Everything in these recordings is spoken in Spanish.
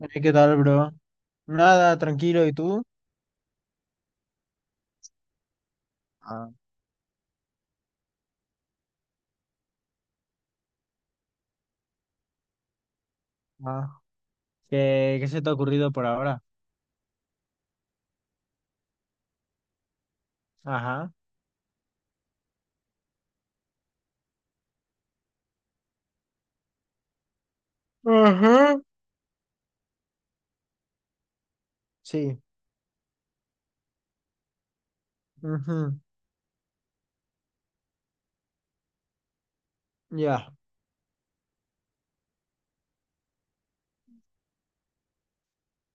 ¿Qué tal, bro? Nada, tranquilo, ¿y tú? Ah, ah. ¿Qué se te ha ocurrido por ahora? Ajá, ajá. Sí, ujú, ya.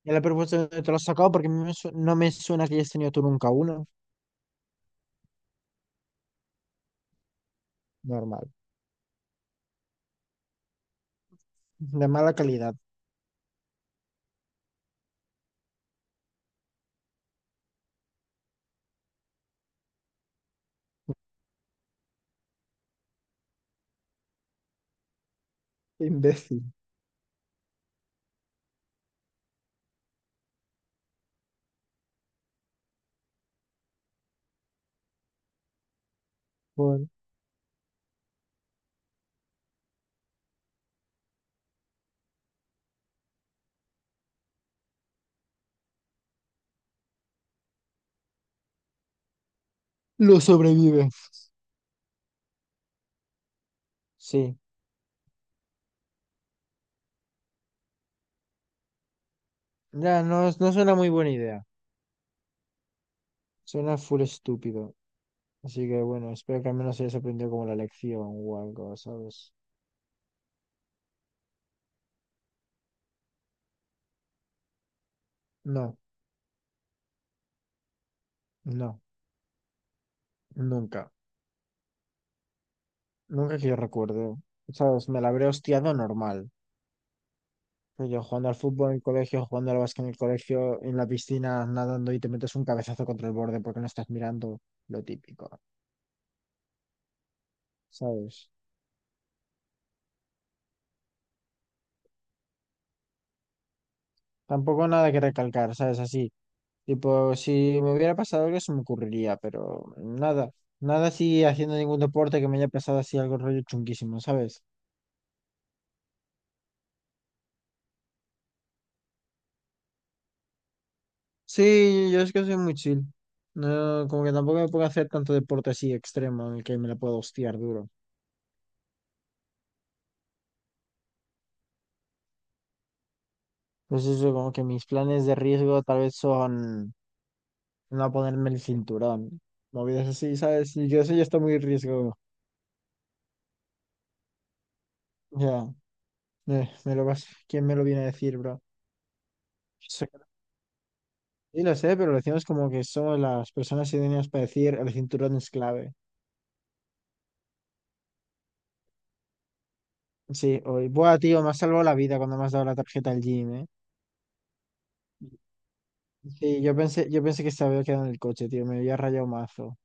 Ya la propuesta no te lo has sacado porque no me suena que hayas tenido tú nunca uno. Normal. De mala calidad. Imbécil. Bueno, lo sobrevive. Sí. Ya, no, no suena muy buena idea. Suena full estúpido. Así que bueno, espero que al menos hayas aprendido como la lección o algo, ¿sabes? No, no, nunca. Nunca que yo recuerdo. ¿Sabes? Me la habré hostiado normal. Pues yo jugando al fútbol en el colegio, jugando al básquet en el colegio, en la piscina, nadando y te metes un cabezazo contra el borde porque no estás mirando lo típico, ¿sabes? Tampoco nada que recalcar, ¿sabes? Así. Tipo, si me hubiera pasado algo, se me ocurriría, pero nada. Nada así haciendo ningún deporte que me haya pasado así algo rollo chunguísimo, ¿sabes? Sí, yo es que soy muy chill. No, como que tampoco me puedo hacer tanto deporte así extremo en el que me la puedo hostiar duro. Pues eso, como que mis planes de riesgo tal vez son no ponerme el cinturón. Movidas así, ¿sabes? Y yo eso ya está muy riesgo. Ya, me lo vas, ¿quién me lo viene a decir, bro? Sé Sí, lo sé, pero lo decimos como que somos las personas idóneas para decir el cinturón es clave. Sí, hoy. Buah, tío, me has salvado la vida cuando me has dado la tarjeta al gym, ¿eh? Sí, yo pensé que se había quedado en el coche, tío. Me había rayado mazo.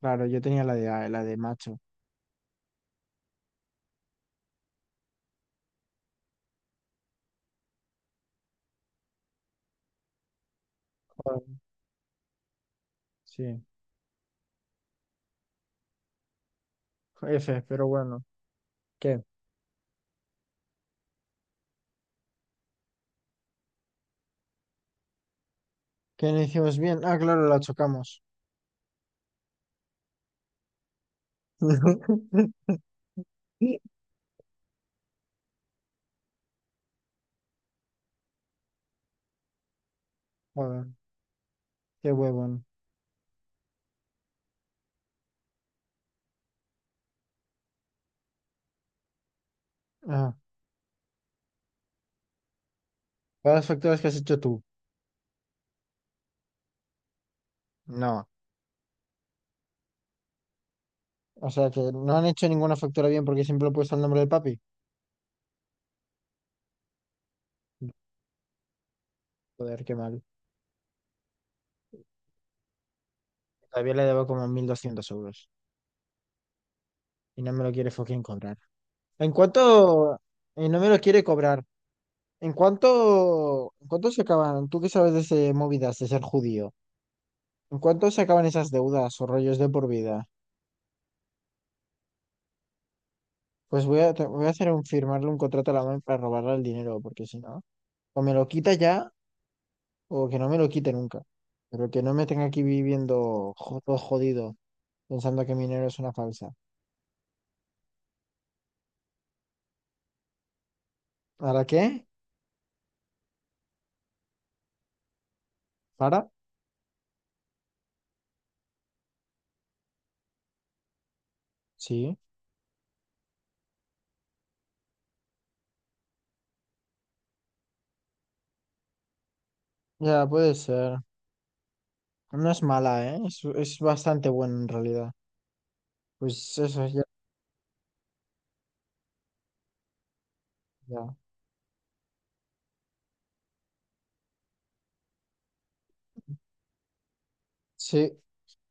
Claro, yo tenía la de macho. Joder, sí. Pero bueno. ¿Qué? ¿Qué no hicimos bien? Ah, claro, la chocamos. Joder, qué huevón. Ah, ¿cuáles facturas que has hecho tú? No. O sea que no han hecho ninguna factura bien porque siempre lo he puesto al nombre de papi. Joder, qué mal. Todavía le debo como 1200 euros. Y no me lo quiere fucking cobrar. ¿En cuánto? Y no me lo quiere cobrar. ¿En cuánto? ¿En cuánto se acaban? ¿Tú qué sabes de ese movidas de ser judío? ¿En cuánto se acaban esas deudas o rollos de por vida? Pues voy a hacer un firmarle un contrato a la mano para robarle el dinero, porque si no, o me lo quita ya, o que no me lo quite nunca. Pero que no me tenga aquí viviendo todo jodido, pensando que mi dinero es una falsa. ¿Para qué? ¿Para? Sí. Ya, puede ser. No es mala, ¿eh? Es bastante buena en realidad. Pues eso, ya, ya. Sí,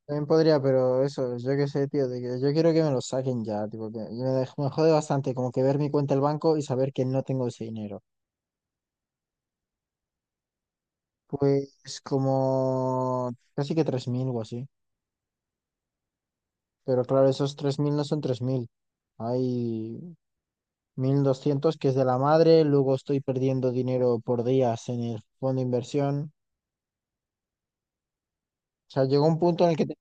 también podría, pero eso, yo qué sé, tío, de que yo quiero que me lo saquen ya, tipo, me jode bastante como que ver mi cuenta del banco y saber que no tengo ese dinero. Pues como casi que 3000 o así. Pero claro, esos 3000 no son 3000. Hay 1.200 que es de la madre, luego estoy perdiendo dinero por días en el fondo de inversión. O sea, llegó un punto en el que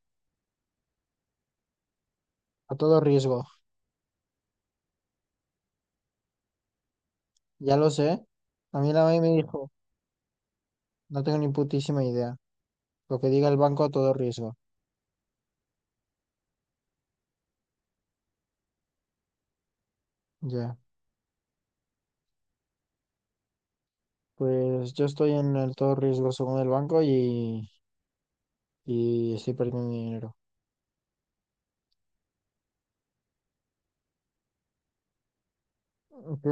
a todo riesgo. Ya lo sé. A mí la madre me dijo, no tengo ni putísima idea. Lo que diga el banco a todo riesgo. Ya. Pues yo estoy en el todo riesgo según el banco y estoy perdiendo dinero. ¿Qué?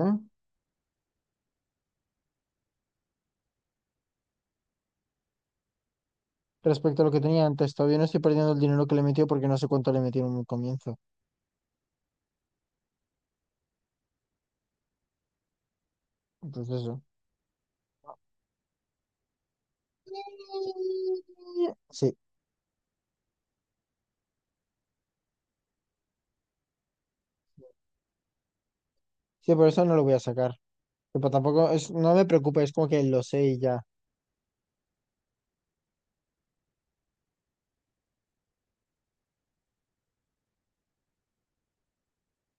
Respecto a lo que tenía antes. Todavía no estoy perdiendo el dinero que le metió porque no sé cuánto le metieron en un comienzo. Entonces eso. Sí, sí, por eso no lo voy a sacar. Tipo, tampoco es, no me preocupa, es como que lo sé y ya.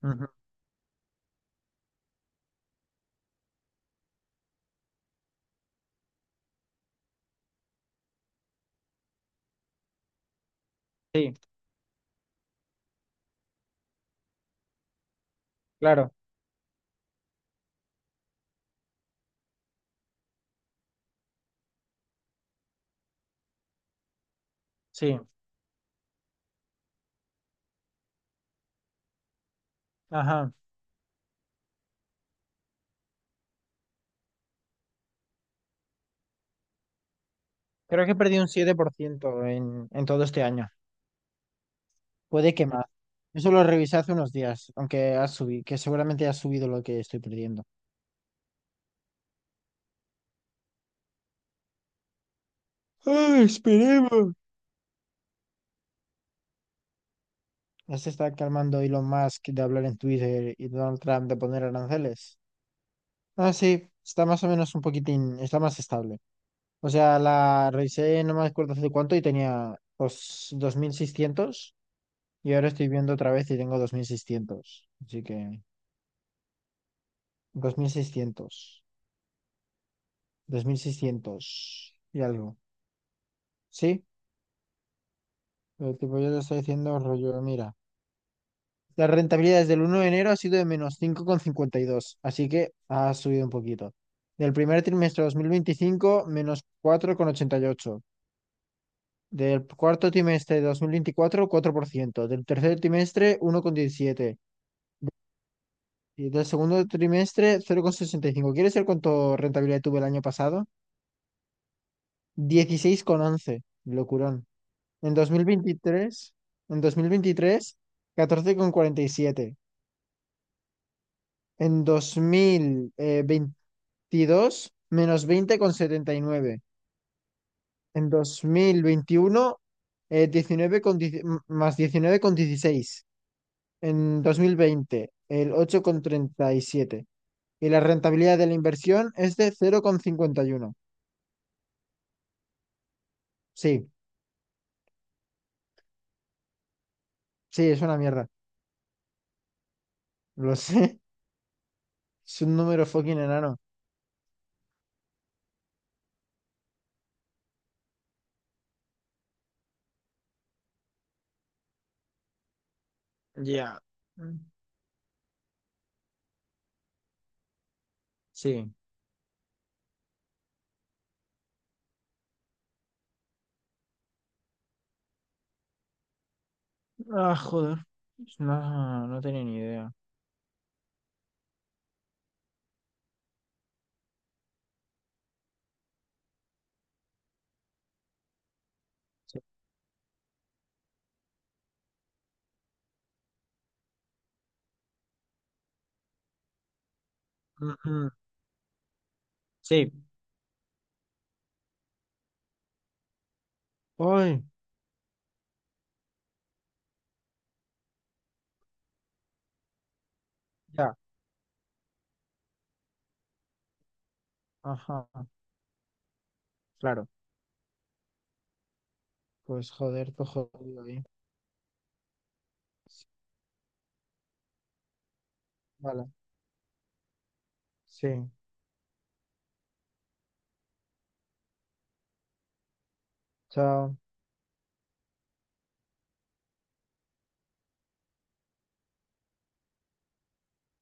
Ujú. Sí, claro, sí. Ajá. Creo que perdí un 7% en todo este año. Puede que más. Eso lo revisé hace unos días, aunque ha subido, que seguramente ha subido lo que estoy perdiendo. ¡Ay, esperemos! Ya se está calmando Elon Musk de hablar en Twitter y Donald Trump de poner aranceles. Ah, sí, está más o menos un poquitín, está más estable. O sea, la revisé, no me acuerdo hace cuánto, y tenía pues, 2600, y ahora estoy viendo otra vez y tengo 2600. Así que 2600, 2600 y algo. Sí, pero tipo yo te estoy diciendo rollo, mira. La rentabilidad desde el 1 de enero ha sido de menos 5,52, así que ha subido un poquito. Del primer trimestre de 2025 menos 4,88. Del cuarto trimestre de 2024 4%. Del tercer trimestre, 1,17. Y del segundo trimestre, 0,65. ¿Quieres ver cuánto rentabilidad tuve el año pasado? 16,11. Locurón. En 2023 en dos mil veintitrés 14,47. En 2022 menos 20,79. En 2021, eh, 19 con dieci- más 19,16 en 2020 el 8,37, y la rentabilidad de la inversión es de 0,51. Sí, sí, es una mierda. Lo sé. Es un número fucking enano. Ya. Mm. Sí. Ah, joder. No, no tenía ni idea. Sí. Ujú. Sí. Ay, ya. Ajá. Claro. Pues joder, todo jodido ahí. Vale. Sí. Chao.